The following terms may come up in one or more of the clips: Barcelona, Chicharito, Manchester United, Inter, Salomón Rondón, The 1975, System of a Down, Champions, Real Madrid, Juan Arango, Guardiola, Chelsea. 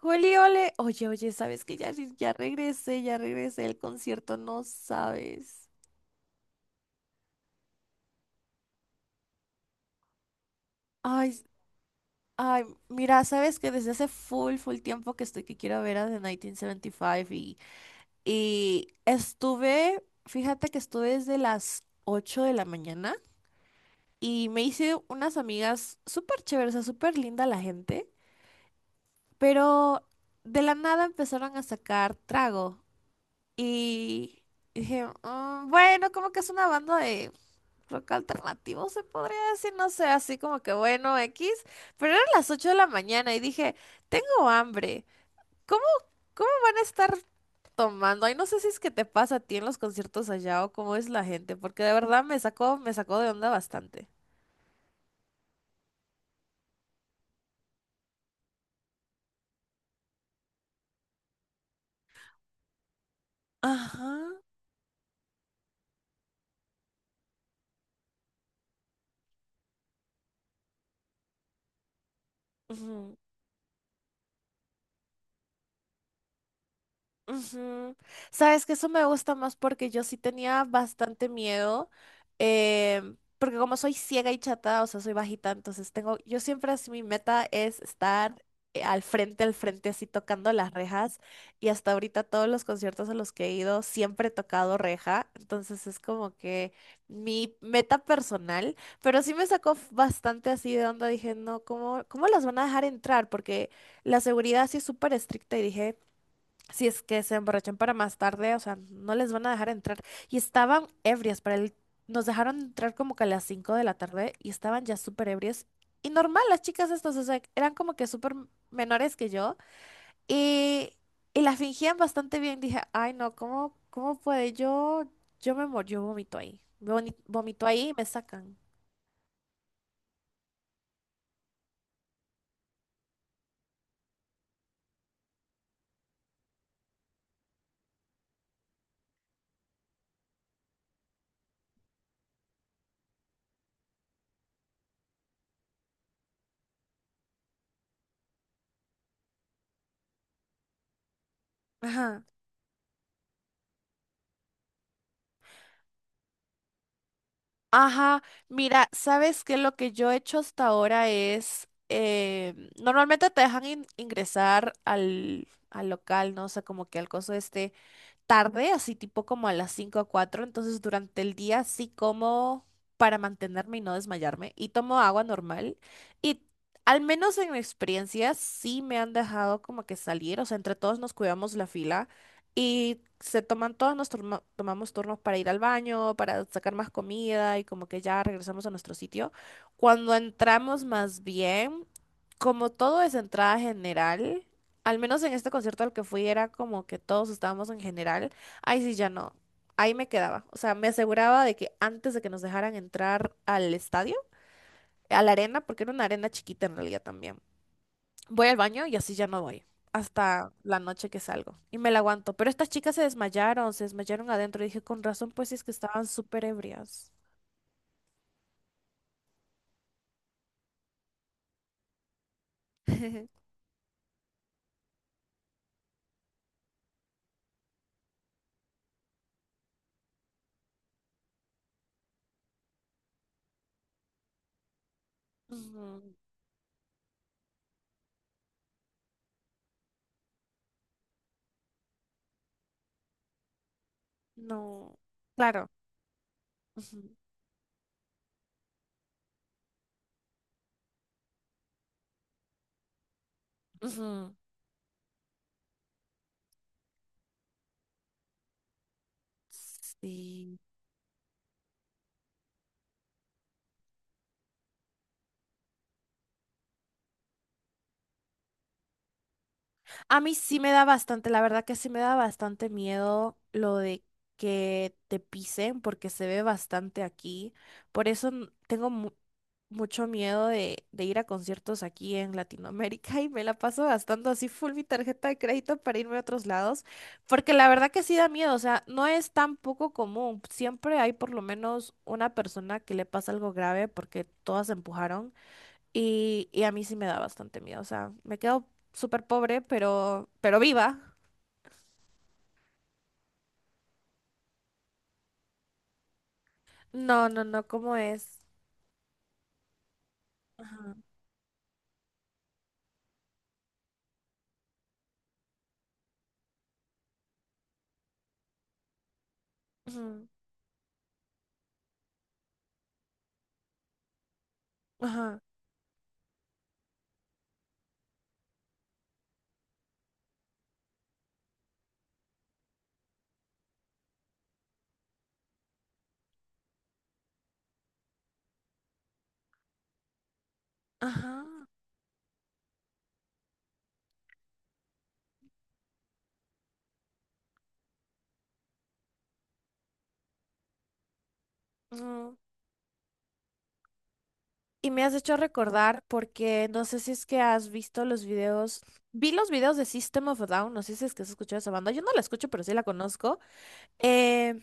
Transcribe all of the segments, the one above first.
Juli, ole. Oye, oye, ¿sabes que ya regresé del concierto? No sabes. Ay, s- ay, mira, ¿sabes que desde hace full, full tiempo que estoy que quiero ver a The 1975 y, cinco y y estuve, fíjate que estuve desde las 8 de la mañana y me hice unas amigas súper chéveres, o sea, súper linda la gente, pero de la nada empezaron a sacar trago y dije, "Mm, bueno, como que es una banda de rock alternativo, se podría decir, no sé, así como que bueno, X, pero eran las 8 de la mañana y dije, tengo hambre, ¿cómo, cómo van a estar tomando? Ay, no sé si es que te pasa a ti en los conciertos allá o cómo es la gente, porque de verdad me sacó de onda bastante. Ajá. Ujú. Sabes que eso me gusta más porque yo sí tenía bastante miedo, porque como soy ciega y chata, o sea, soy bajita, entonces yo siempre así mi meta es estar al frente, así tocando las rejas, y hasta ahorita todos los conciertos a los que he ido siempre he tocado reja, entonces es como que mi meta personal, pero sí me sacó f- bastante así de onda, dije, no, ¿cómo las van a dejar entrar? Porque la seguridad sí es súper estricta y dije... Si es que se emborrachan para más tarde, o sea, no les van a dejar entrar. Y estaban ebrias para el... Nos dejaron entrar como que a las 5 de la tarde y estaban ya súper ebrias. Y normal, las chicas estas, o sea, eran como que súper menores que yo. Y, y la fingían bastante bien. Dije, ay, no, ¿cómo puede? Yo vomito ahí. Vomito ahí y me sacan. Ajá. Ajá, mira, ¿sabes qué? Lo que yo he hecho hasta ahora es, normalmente te dejan ingresar al local, ¿no? O sea, como que al coso este, tarde, así tipo como a las 5 o cuatro, entonces durante el día sí como para mantenerme y no desmayarme y tomo agua normal y al menos en mi experiencia sí me han dejado como que salir, o sea, entre todos nos cuidamos la fila y se toman todos, tomamos turnos para ir al baño, para sacar más comida y como que ya regresamos a nuestro sitio. Cuando entramos más bien, como todo es entrada general, al menos en este concierto al que fui era como que todos estábamos en general. Ahí sí ya no. Ahí me quedaba. O sea, me aseguraba de que antes de que nos dejaran entrar al estadio, a la arena, porque era una arena chiquita en realidad también. Voy al baño y así ya no voy. Hasta la noche que salgo. Y me la aguanto. Pero estas chicas se desmayaron adentro. Y dije, con razón, pues es que estaban súper ebrias. Ujú, no. Claro. Ujú, ujú. Sí. A mí sí me da bastante, la verdad que sí me da bastante miedo lo de que te pisen porque se ve bastante aquí. Por eso tengo mucho miedo de ir a conciertos aquí en Latinoamérica y me la paso gastando así full mi tarjeta de crédito para irme a otros lados. Porque la verdad que sí da miedo, o sea, no es tan poco común. Siempre hay por lo menos una persona que le pasa algo grave porque todas se empujaron. Y a mí sí me da bastante miedo. O sea, me quedo súper pobre, pero viva. No, no, no, ¿cómo es? Ajá, ujú, ajá, ajá, ujú. Y me has hecho recordar porque no sé si es que has visto los videos. Vi los videos de System of a Down. No sé si es que has escuchado esa banda. Yo no la escucho, pero sí la conozco. Eh,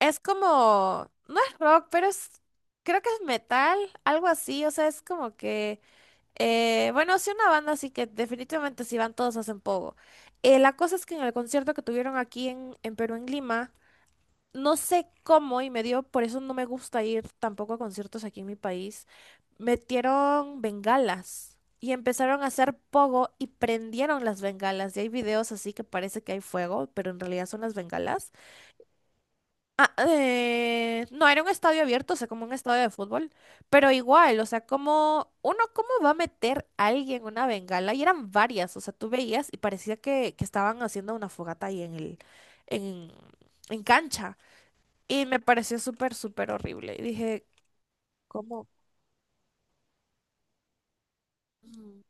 es como. No es rock, pero es. Creo que es metal, algo así. O sea, es como que. Bueno, sí, una banda, así que definitivamente si van todos hacen poco. La cosa es que en el concierto que tuvieron aquí en Perú, en Lima, no sé cómo y me dio, por eso no me gusta ir tampoco a conciertos aquí en mi país, metieron bengalas y empezaron a hacer pogo y prendieron las bengalas. Y hay videos así que parece que hay fuego, pero en realidad son las bengalas. Ah, no era un estadio abierto, o sea, como un estadio de fútbol, pero igual, o sea, como uno, ¿cómo va a meter a alguien una bengala? Y eran varias, o sea, tú veías y parecía que estaban haciendo una fogata ahí en, en cancha. Y me pareció súper, súper horrible. Y dije, ¿cómo? Ujú,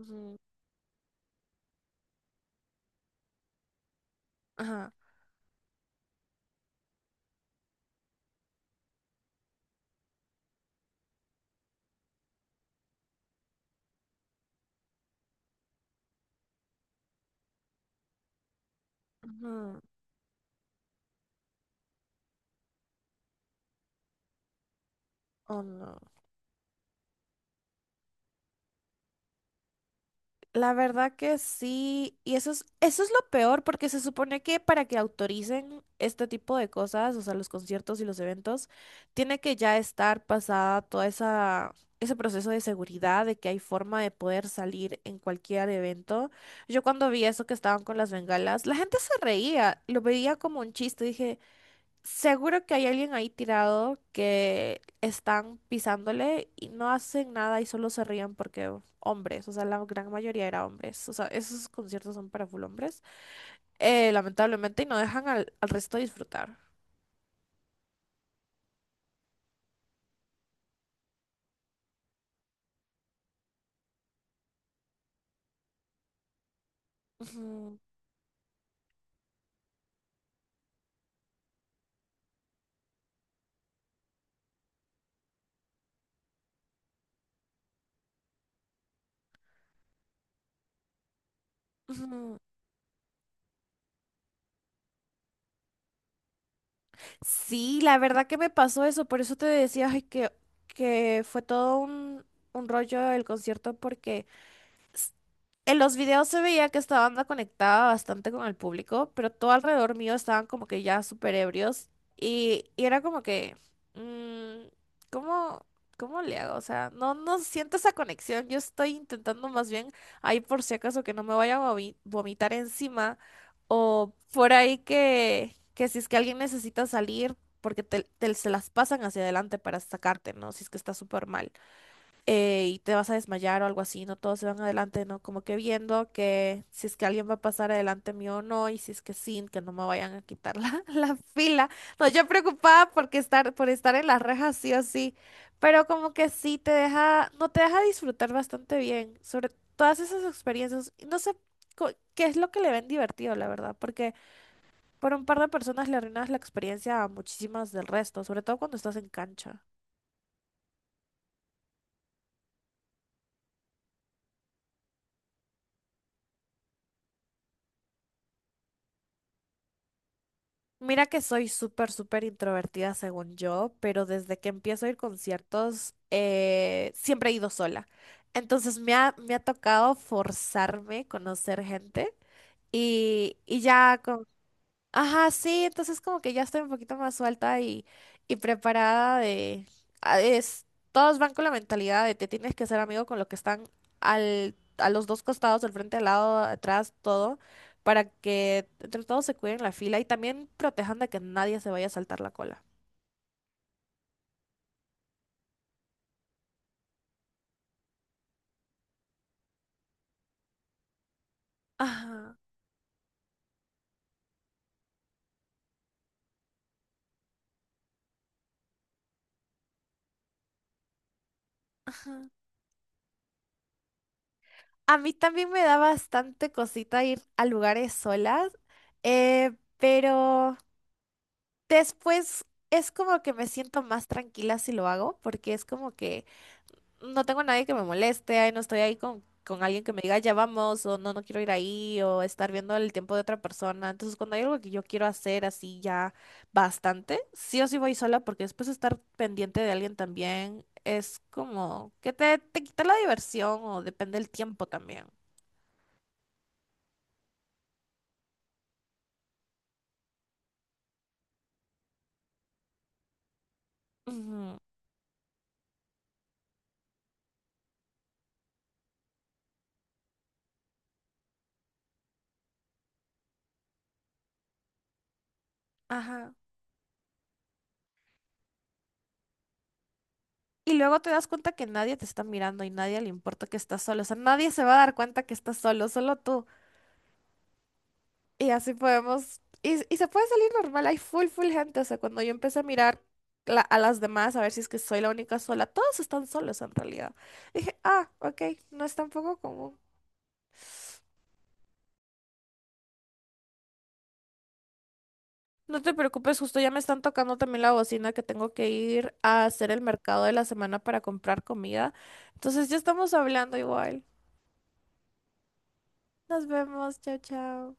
ujú, ajá, ujú, oh, no. La verdad que sí, y eso es lo peor, porque se supone que para que autoricen este tipo de cosas, o sea, los conciertos y los eventos, tiene que ya estar pasada ese proceso de seguridad, de que hay forma de poder salir en cualquier evento. Yo cuando vi eso que estaban con las bengalas, la gente se reía, lo veía como un chiste, dije, seguro que hay alguien ahí tirado que están pisándole y no hacen nada y solo se ríen porque hombres, o sea, la gran mayoría era hombres, o sea, esos conciertos son para full hombres, lamentablemente, y no dejan al resto disfrutar. Ujú, ujú. Sí, la verdad que me pasó eso, por eso te decía ay, que fue todo un rollo el concierto porque... En los videos se veía que esta banda conectaba bastante con el público, pero todo alrededor mío estaban como que ya súper ebrios y era como que, mm, ¿cómo, cómo le hago? O sea, no, no siento esa conexión. Yo estoy intentando más bien, ahí por si acaso, que no me vaya a vomitar encima o por ahí que si es que alguien necesita salir, porque se las pasan hacia adelante para sacarte, ¿no? Si es que está súper mal y te vas a desmayar o algo así, ¿no? Todos se van adelante, ¿no? Como que viendo que si es que alguien va a pasar adelante mío o no, y si es que sí, que no me vayan a quitar la, la fila. No, yo preocupada porque por estar en las rejas sí o sí, pero como que sí te deja, no te deja disfrutar bastante bien sobre todas esas experiencias. Y no sé qué es lo que le ven divertido, la verdad, porque por un par de personas le arruinas la experiencia a muchísimas del resto, sobre todo cuando estás en cancha. Mira que soy súper, súper introvertida según yo, pero desde que empiezo a ir a conciertos siempre he ido sola. Entonces me ha tocado forzarme a conocer gente y ya ajá, sí, entonces como que ya estoy un poquito más suelta y preparada de... Es, todos van con la mentalidad de te tienes que ser amigo con los que están a los dos costados, del frente, al lado, atrás, todo, para que entre todos se cuiden la fila y también protejan de que nadie se vaya a saltar la cola. Ajá, ajá. A mí también me da bastante cosita ir a lugares solas, eh, pero... Después es como que me siento más tranquila si lo hago, porque es como que no tengo a nadie que me moleste, ay, no estoy ahí con alguien que me diga ya vamos, o no, no quiero ir ahí, o estar viendo el tiempo de otra persona. Entonces, cuando hay algo que yo quiero hacer así ya bastante, sí o sí voy sola, porque después estar pendiente de alguien también es como que te quita la diversión, o depende del tiempo también. Ujú, ajá. Y luego te das cuenta que nadie te está mirando y nadie le importa que estás solo. O sea, nadie se va a dar cuenta que estás solo, solo tú. Y así podemos. Y se puede salir normal. Hay full, full gente. O sea, cuando yo empecé a mirar a las demás, a ver si es que soy la única sola, todos están solos en realidad. Dije, ah, ok, no es tampoco común. No te preocupes, justo ya me están tocando también la bocina que tengo que ir a hacer el mercado de la semana para comprar comida. Entonces ya estamos hablando igual. Nos vemos, chao, chao.